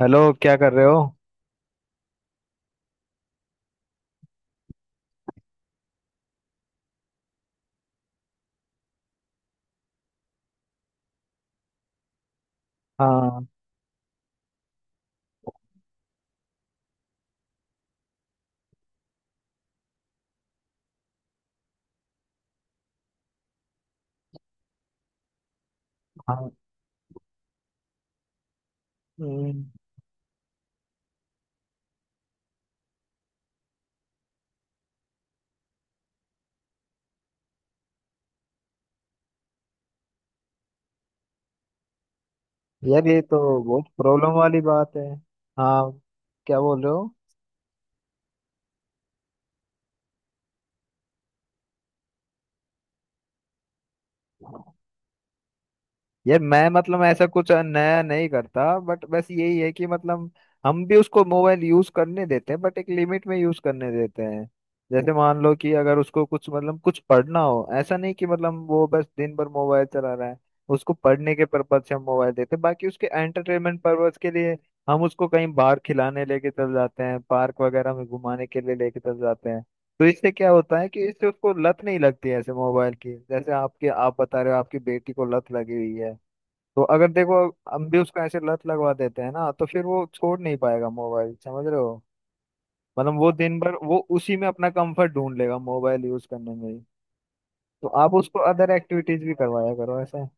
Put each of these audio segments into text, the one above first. Hello, क्या कर रहे हो? हाँ। हाँ। हम्म, यार ये तो बहुत प्रॉब्लम वाली बात है। हाँ, क्या बोल रहे हो? यार मैं मतलब ऐसा कुछ नया नहीं करता बट बस यही है कि मतलब हम भी उसको मोबाइल यूज करने देते हैं बट एक लिमिट में यूज करने देते हैं। जैसे मान लो कि अगर उसको कुछ मतलब कुछ पढ़ना हो, ऐसा नहीं कि मतलब वो बस दिन भर मोबाइल चला रहा है। उसको पढ़ने के पर्पज से हम मोबाइल देते हैं, बाकी उसके एंटरटेनमेंट पर्पज के लिए हम उसको कहीं बाहर खिलाने लेके चल जाते हैं, पार्क वगैरह में घुमाने के लिए लेके चल जाते हैं। तो इससे क्या होता है कि इससे उसको लत नहीं लगती है ऐसे मोबाइल की। जैसे आपके आप बता रहे हो आपकी बेटी को लत लगी हुई है। तो अगर देखो हम भी उसको ऐसे लत लगवा देते हैं ना तो फिर वो छोड़ नहीं पाएगा मोबाइल, समझ रहे हो? मतलब वो दिन भर वो उसी में अपना कंफर्ट ढूंढ लेगा, मोबाइल यूज करने में ही। तो आप उसको अदर एक्टिविटीज भी करवाया करो ऐसा।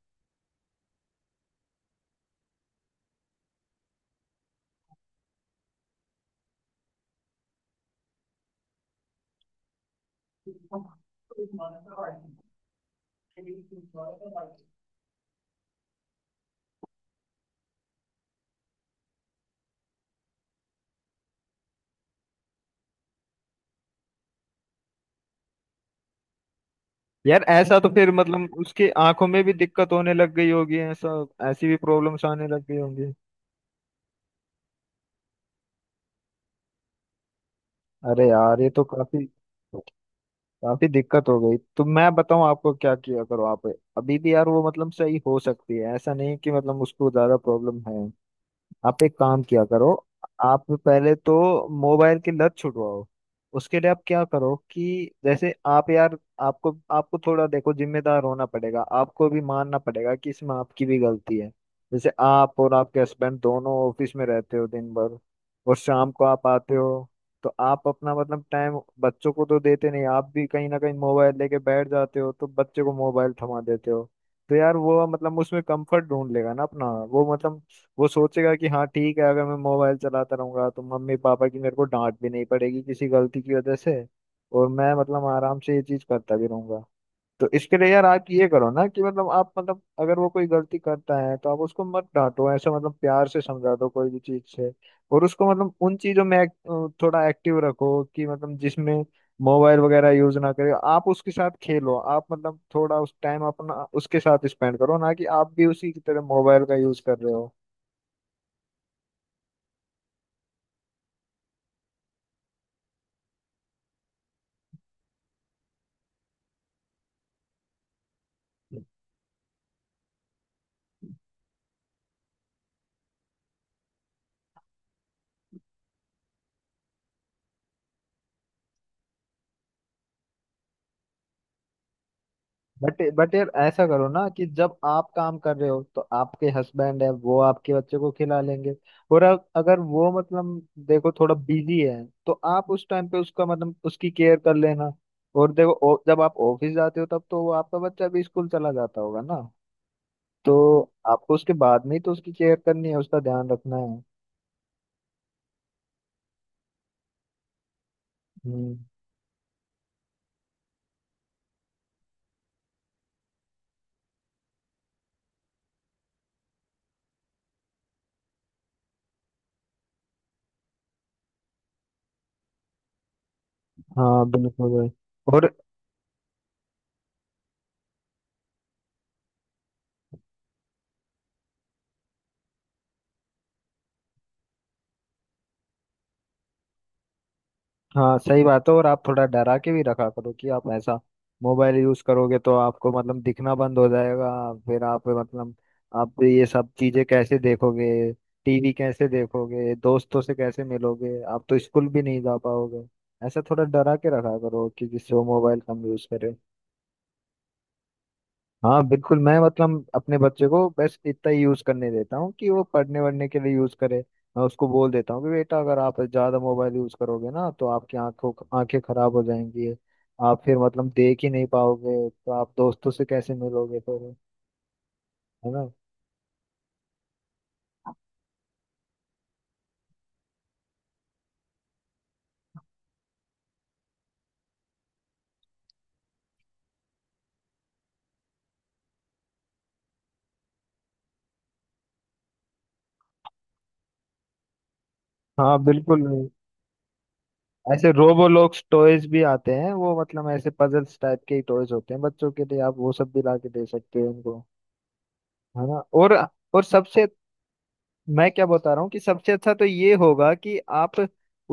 यार ऐसा तो फिर मतलब उसकी आंखों में भी दिक्कत होने लग गई होगी, ऐसा ऐसी भी प्रॉब्लम्स आने लग गई होंगी। अरे यार ये तो काफी काफी दिक्कत हो गई। तो मैं बताऊं आपको क्या किया करो आप। अभी भी यार वो मतलब सही हो सकती है, ऐसा नहीं कि मतलब उसको ज्यादा प्रॉब्लम है। आप एक काम किया करो, आप पहले तो मोबाइल की लत छुड़वाओ। उसके लिए आप क्या करो कि जैसे आप यार आपको आपको थोड़ा देखो जिम्मेदार होना पड़ेगा, आपको भी मानना पड़ेगा कि इसमें आपकी भी गलती है। जैसे आप और आपके हस्बैंड दोनों ऑफिस में रहते हो दिन भर और शाम को आप आते हो, तो आप अपना मतलब टाइम बच्चों को तो देते नहीं, आप भी कहीं ना कहीं मोबाइल लेके बैठ जाते हो तो बच्चे को मोबाइल थमा देते हो। तो यार वो मतलब उसमें कंफर्ट ढूंढ लेगा ना अपना, वो मतलब वो सोचेगा कि हाँ ठीक है अगर मैं मोबाइल चलाता रहूंगा तो मम्मी पापा की मेरे को डांट भी नहीं पड़ेगी किसी गलती की वजह से और मैं मतलब आराम से ये चीज करता भी रहूंगा। तो इसके लिए यार आप ये करो ना कि मतलब आप मतलब अगर वो कोई गलती करता है तो आप उसको मत डांटो, ऐसा मतलब प्यार से समझा दो कोई भी चीज से। और उसको मतलब उन चीजों में थोड़ा एक्टिव रखो कि मतलब जिसमें मोबाइल वगैरह यूज ना करे। आप उसके साथ खेलो, आप मतलब थोड़ा उस टाइम अपना उसके साथ स्पेंड करो, ना कि आप भी उसी की तरह मोबाइल का यूज कर रहे हो। बट यार ऐसा करो ना कि जब आप काम कर रहे हो तो आपके हस्बैंड है वो आपके बच्चे को खिला लेंगे। और अगर वो मतलब देखो थोड़ा बिजी है तो आप उस टाइम पे उसका मतलब उसकी केयर कर लेना। और देखो जब आप ऑफिस जाते हो तब तो वो आपका बच्चा भी स्कूल चला जाता होगा ना, तो आपको उसके बाद में ही तो उसकी केयर करनी है, उसका ध्यान रखना है। हम्म। हाँ बिल्कुल भाई। और हाँ सही बात है। और आप थोड़ा डरा के भी रखा करो कि आप ऐसा मोबाइल यूज करोगे तो आपको मतलब दिखना बंद हो जाएगा। फिर आप मतलब आप ये सब चीजें कैसे देखोगे, टीवी कैसे देखोगे, दोस्तों से कैसे मिलोगे, आप तो स्कूल भी नहीं जा पाओगे। ऐसा थोड़ा डरा के रखा करो कि जिससे वो मोबाइल कम यूज करे। हाँ बिल्कुल, मैं मतलब अपने बच्चे को बस इतना ही यूज करने देता हूँ कि वो पढ़ने वढ़ने के लिए यूज करे। मैं उसको बोल देता हूँ कि बेटा अगर आप ज्यादा मोबाइल यूज करोगे ना तो आपकी आंखों आंखें खराब हो जाएंगी। आप फिर मतलब देख ही नहीं पाओगे तो आप दोस्तों से कैसे मिलोगे फिर, है ना? हाँ बिल्कुल। ऐसे रोबोलॉक्स टॉयज भी आते हैं, वो मतलब ऐसे पजल्स टाइप के ही टॉयज होते हैं बच्चों के लिए। आप वो सब भी ला के दे सकते हो उनको, है ना? और सबसे मैं क्या बता रहा हूँ कि सबसे अच्छा तो ये होगा कि आप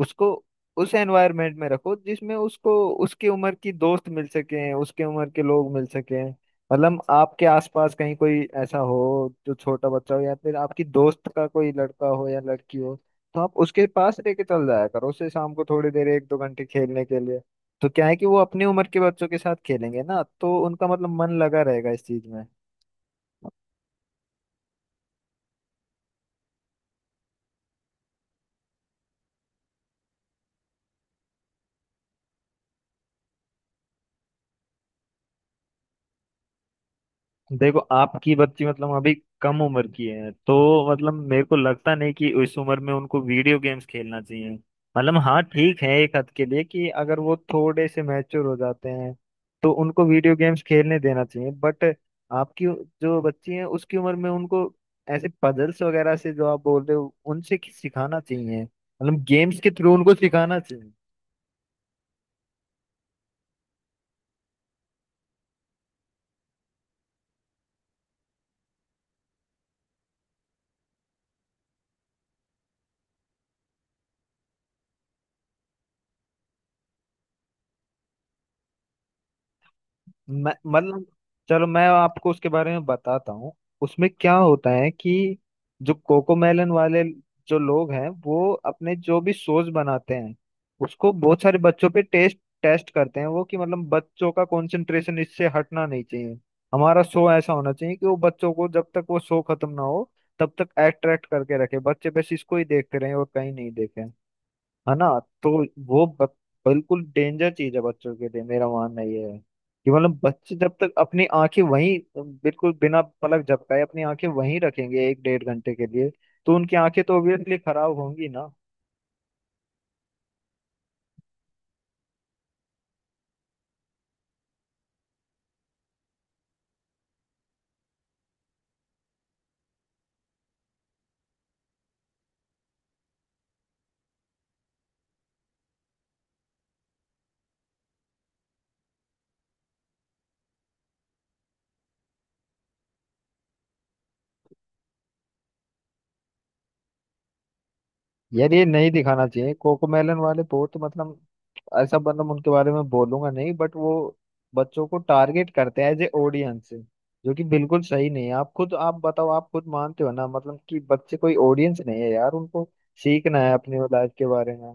उसको उस एनवायरनमेंट में रखो जिसमें उसको उसकी उम्र की दोस्त मिल सके, उसके उम्र के लोग मिल सके। मतलब आपके आसपास कहीं कोई ऐसा हो जो छोटा बच्चा हो या फिर आपकी दोस्त का कोई लड़का हो या लड़की हो, तो आप उसके पास लेके चल जाया करो उसे शाम को थोड़ी देर एक दो घंटे खेलने के लिए। तो क्या है कि वो अपनी उम्र के बच्चों के साथ खेलेंगे ना तो उनका मतलब मन लगा रहेगा इस चीज में। देखो आपकी बच्ची मतलब अभी कम उम्र की है तो मतलब मेरे को लगता नहीं कि इस उम्र में उनको वीडियो गेम्स खेलना चाहिए। मतलब हाँ ठीक है एक हद के लिए कि अगर वो थोड़े से मैच्योर हो जाते हैं तो उनको वीडियो गेम्स खेलने देना चाहिए, बट आपकी जो बच्ची है उसकी उम्र में उनको ऐसे पजल्स वगैरह से जो आप बोल रहे हो उनसे सिखाना चाहिए, मतलब गेम्स के थ्रू उनको सिखाना। मैं मतलब चलो मैं आपको उसके बारे में बताता हूँ। उसमें क्या होता है कि जो कोकोमेलन वाले जो लोग हैं वो अपने जो भी सोस बनाते हैं उसको बहुत सारे बच्चों पे टेस्ट टेस्ट करते हैं वो कि मतलब बच्चों का कंसंट्रेशन इससे हटना नहीं चाहिए। हमारा शो ऐसा होना चाहिए कि वो बच्चों को जब तक वो शो खत्म ना हो तब तक अट्रैक्ट करके रखे, बच्चे बस इसको ही देखते रहे और कहीं नहीं देखे, है ना? तो वो ब- बिल्कुल डेंजर चीज है बच्चों के लिए। मेरा मानना ये है कि मतलब बच्चे जब तक अपनी आंखें वहीं बिल्कुल बिना पलक झपकाए अपनी आंखें वहीं रखेंगे एक डेढ़ घंटे के लिए तो उनकी आंखें तो ऑब्वियसली खराब होंगी ना। यार ये नहीं दिखाना चाहिए, कोकोमेलन वाले बहुत मतलब ऐसा मतलब उनके बारे में बोलूंगा नहीं बट वो बच्चों को टारगेट करते हैं एज ए ऑडियंस, जो कि बिल्कुल सही नहीं है। आप खुद आप बताओ, आप खुद मानते हो ना मतलब कि बच्चे कोई ऑडियंस नहीं है यार, उनको सीखना है अपनी लाइफ के बारे में।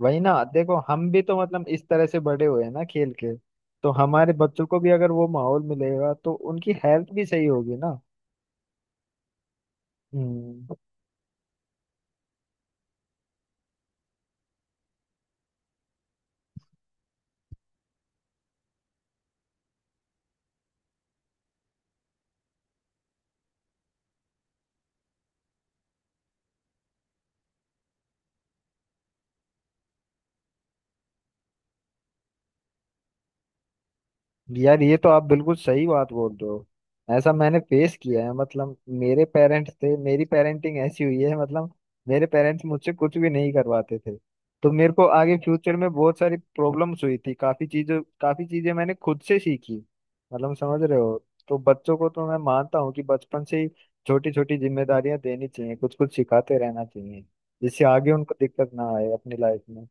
वही ना देखो हम भी तो मतलब इस तरह से बड़े हुए हैं ना खेल के, तो हमारे बच्चों को भी अगर वो माहौल मिलेगा तो उनकी हेल्थ भी सही होगी ना। हम्म। यार ये तो आप बिल्कुल सही बात बोल रहे हो। ऐसा मैंने फेस किया है मतलब मेरे पेरेंट्स थे, मेरी पेरेंटिंग ऐसी हुई है मतलब मेरे पेरेंट्स मुझसे कुछ भी नहीं करवाते थे, तो मेरे को आगे फ्यूचर में बहुत सारी प्रॉब्लम्स हुई थी। काफी चीजें मैंने खुद से सीखी, मतलब समझ रहे हो। तो बच्चों को तो मैं मानता हूँ कि बचपन से ही छोटी छोटी जिम्मेदारियां देनी चाहिए, कुछ कुछ सिखाते रहना चाहिए, जिससे आगे उनको दिक्कत ना आए अपनी लाइफ में।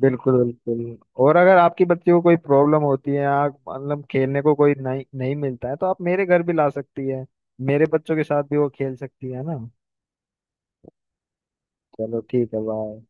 बिल्कुल बिल्कुल। और अगर आपकी बच्ची को कोई प्रॉब्लम होती है या मतलब खेलने को कोई नहीं नहीं मिलता है तो आप मेरे घर भी ला सकती है, मेरे बच्चों के साथ भी वो खेल सकती है ना। चलो ठीक है, बाय।